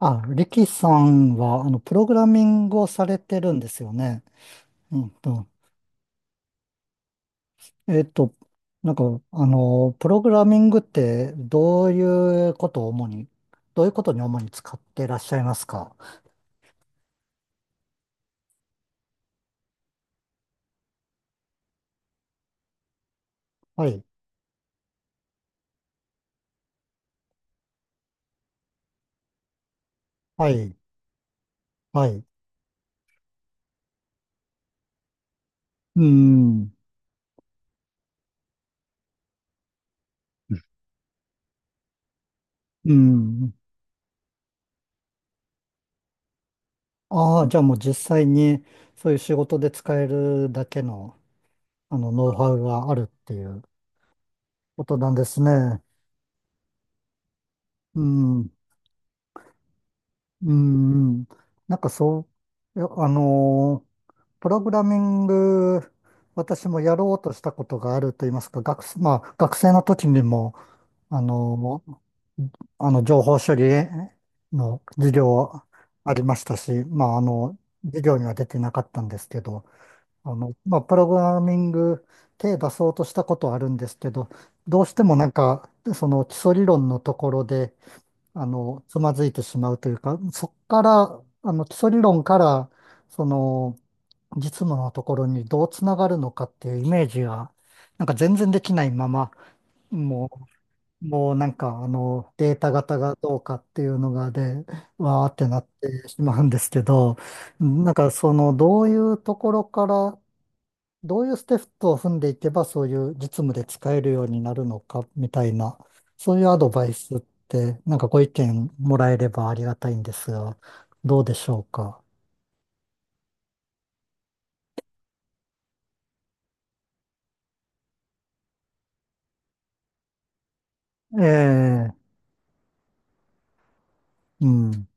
あ、リキさんは、プログラミングをされてるんですよね。うんと、えっと、なんか、プログラミングって、どういうことに主に使っていらっしゃいますか？はい、はい、はい。うん、うん。ああ、じゃあもう実際に、そういう仕事で使えるだけの、ノウハウがあるっていうことなんですね。うん、うん、うん。なんかそいやプログラミング、私もやろうとしたことがあると言いますか、学生の時にも、あの、情報処理の授業ありましたし、授業には出てなかったんですけど、プログラミング手出そうとしたことはあるんですけど、どうしてもその基礎理論のところで、つまずいてしまうというか、そっから、基礎理論から、その、実務のところにどうつながるのかっていうイメージが、なんか全然できないまま、ももう、データ型がどうかっていうのがで、わーってなってしまうんですけど、どういうところから、どういうステップを踏んでいけば、そういう実務で使えるようになるのか、みたいな、そういうアドバイスって、ご意見もらえればありがたいんですが、どうでしょうか。ええ、うん、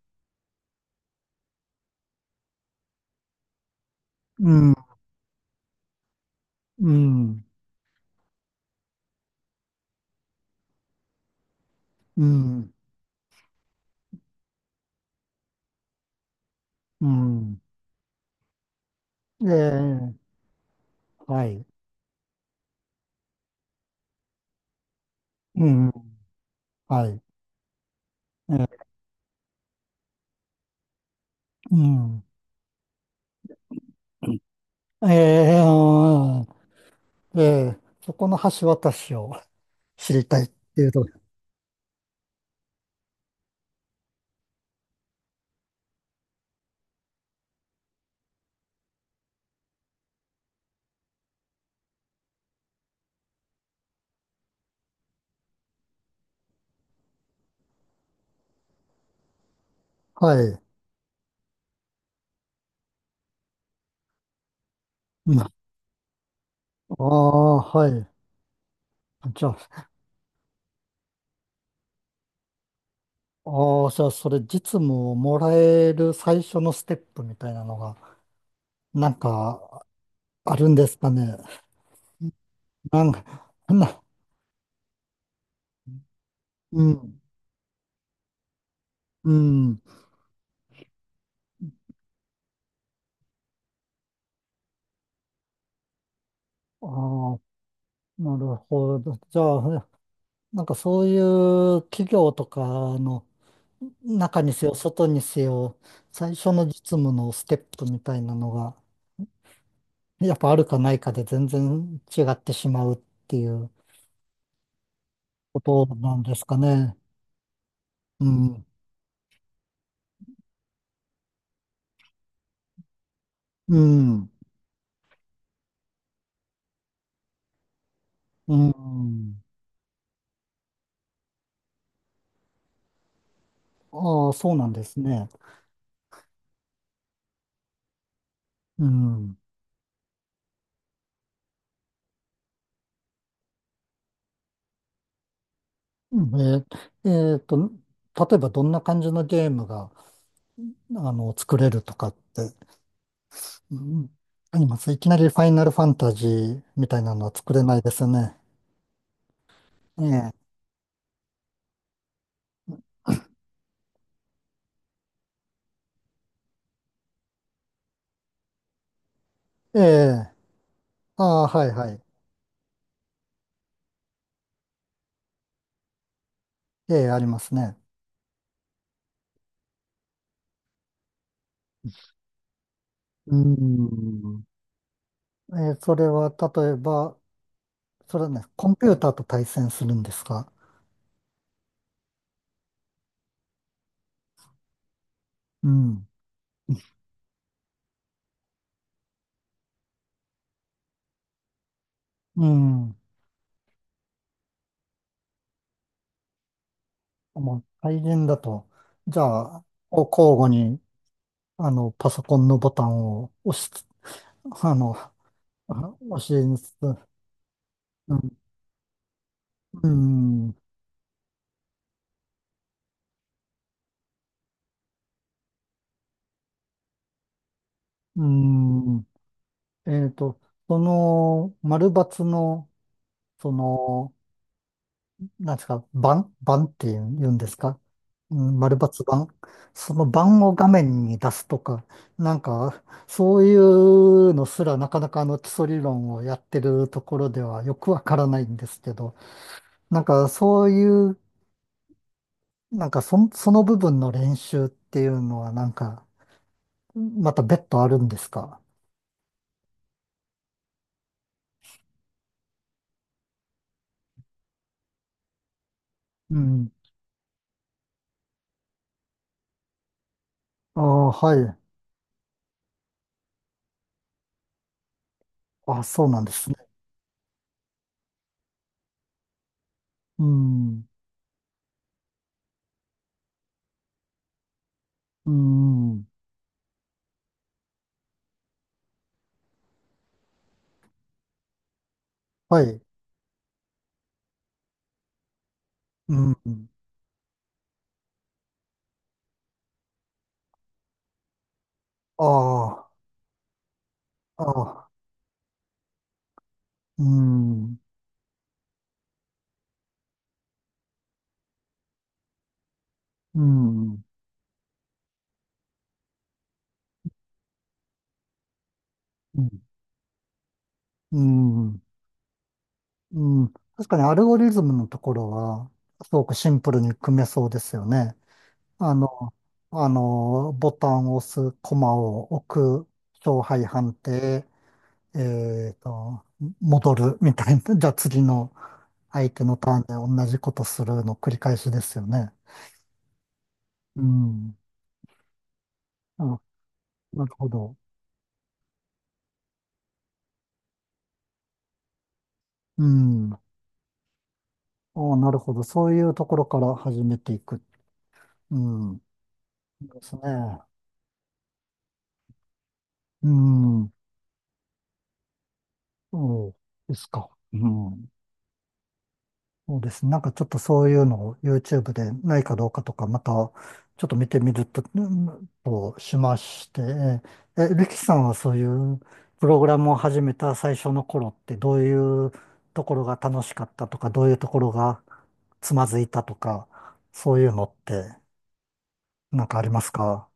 うん、うん。うん、うん、ええ、はい、うん、はい、ええ、うん、ええ、あーええ、そこの橋渡しを知りたいっていうと、はい、うん、ああ、はい、じゃあ、ああ、じゃあ、それ実務をもらえる最初のステップみたいなのが、なんかあるんですかね。なんか、な、うん、うん、ああ、なるほど。じゃあ、そういう企業とかの中にせよ、外にせよ、最初の実務のステップみたいなのが、やっぱあるかないかで全然違ってしまうっていうことなんですかね。うん。うん。うん。ああ、そうなんですね。うん。えー、えーと、例えばどんな感じのゲームが、作れるとかって、うん、あります。いきなりファイナルファンタジーみたいなのは作れないですよね。ええ、ええ、ああ、はいはい。ええ、ありますね。うん。ええ、それはね、コンピューターと対戦するんですか？うん、うん。もう、対人だと、じゃあ、こう交互に、パソコンのボタンをあの、押しつつ、うん、うん、うん。えっと、その、丸抜の、その、なんですか、盤って言うんですか、うん、丸抜盤。その盤を画面に出すとか、なんか、そういうのすらなかなか基礎理論をやってるところではよくわからないんですけど、なんかそういう、なんかそ、その部分の練習っていうのはまた別途あるんですか？うん。ああ、はい。あ、そうなんですね。うん。うん。はい。うん。ああ、ああ、うん。うん、うん、うん、うん。確かにアルゴリズムのところは、すごくシンプルに組めそうですよね。あの、ボタンを押す、コマを置く、勝敗判定、えっと、戻るみたいな。じゃあ次の相手のターンで同じことするの繰り返しですよね。うん。あ、なるほど。うん。ああ、なるほど。そういうところから始めていく。うん。ですね。うん。そうですか。うん。そうですね。ちょっとそういうのを YouTube でないかどうかとか、またちょっと見てみると、うんとしまして、え、リキさんはそういうプログラムを始めた最初の頃ってどういうところが楽しかったとか、どういうところがつまずいたとか、そういうのってありますか？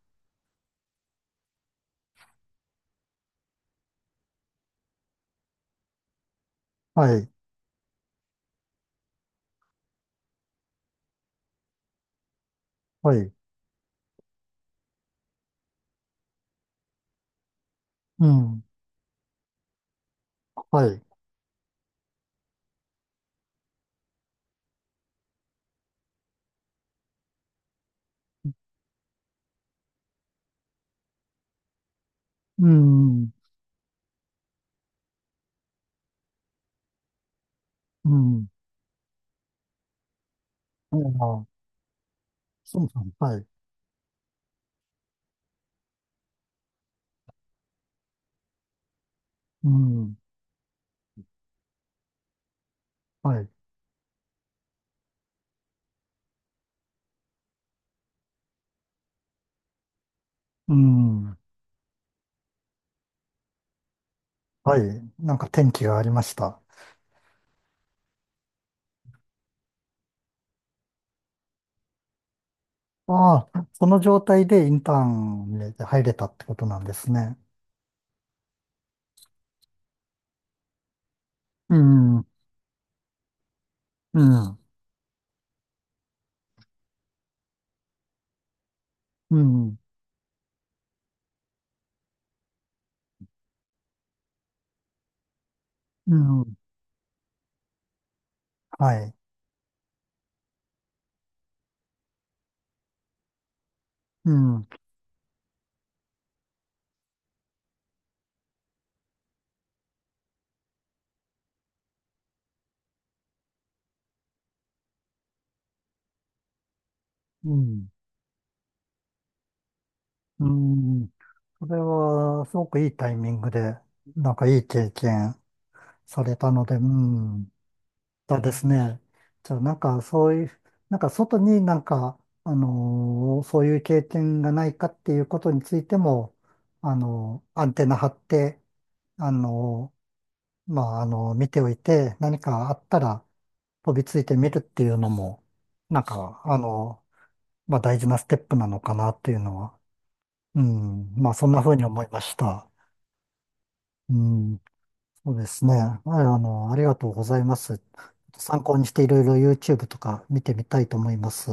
はい、はい、うん、はい、うん、うん、ああ、そうそう、はい、うん、はい。うん。はい。転機がありました？ああ、その状態でインターンに入れたってことなんですね。うん。うん。うん。うん。はい。うん。うん。うん。それは、すごくいいタイミングで、いい経験されたので、うん。そうですね。じゃあ、なんか、そういう、なんか、外にそういう経験がないかっていうことについても、アンテナ張って、あのまあ、見ておいて、何かあったら飛びついてみるっていうのも、なんか、あのまあ、大事なステップなのかなっていうのは、うん、まあ、そんな風に思いました。うん。そうですね。ありがとうございます。参考にしていろいろ YouTube とか見てみたいと思います。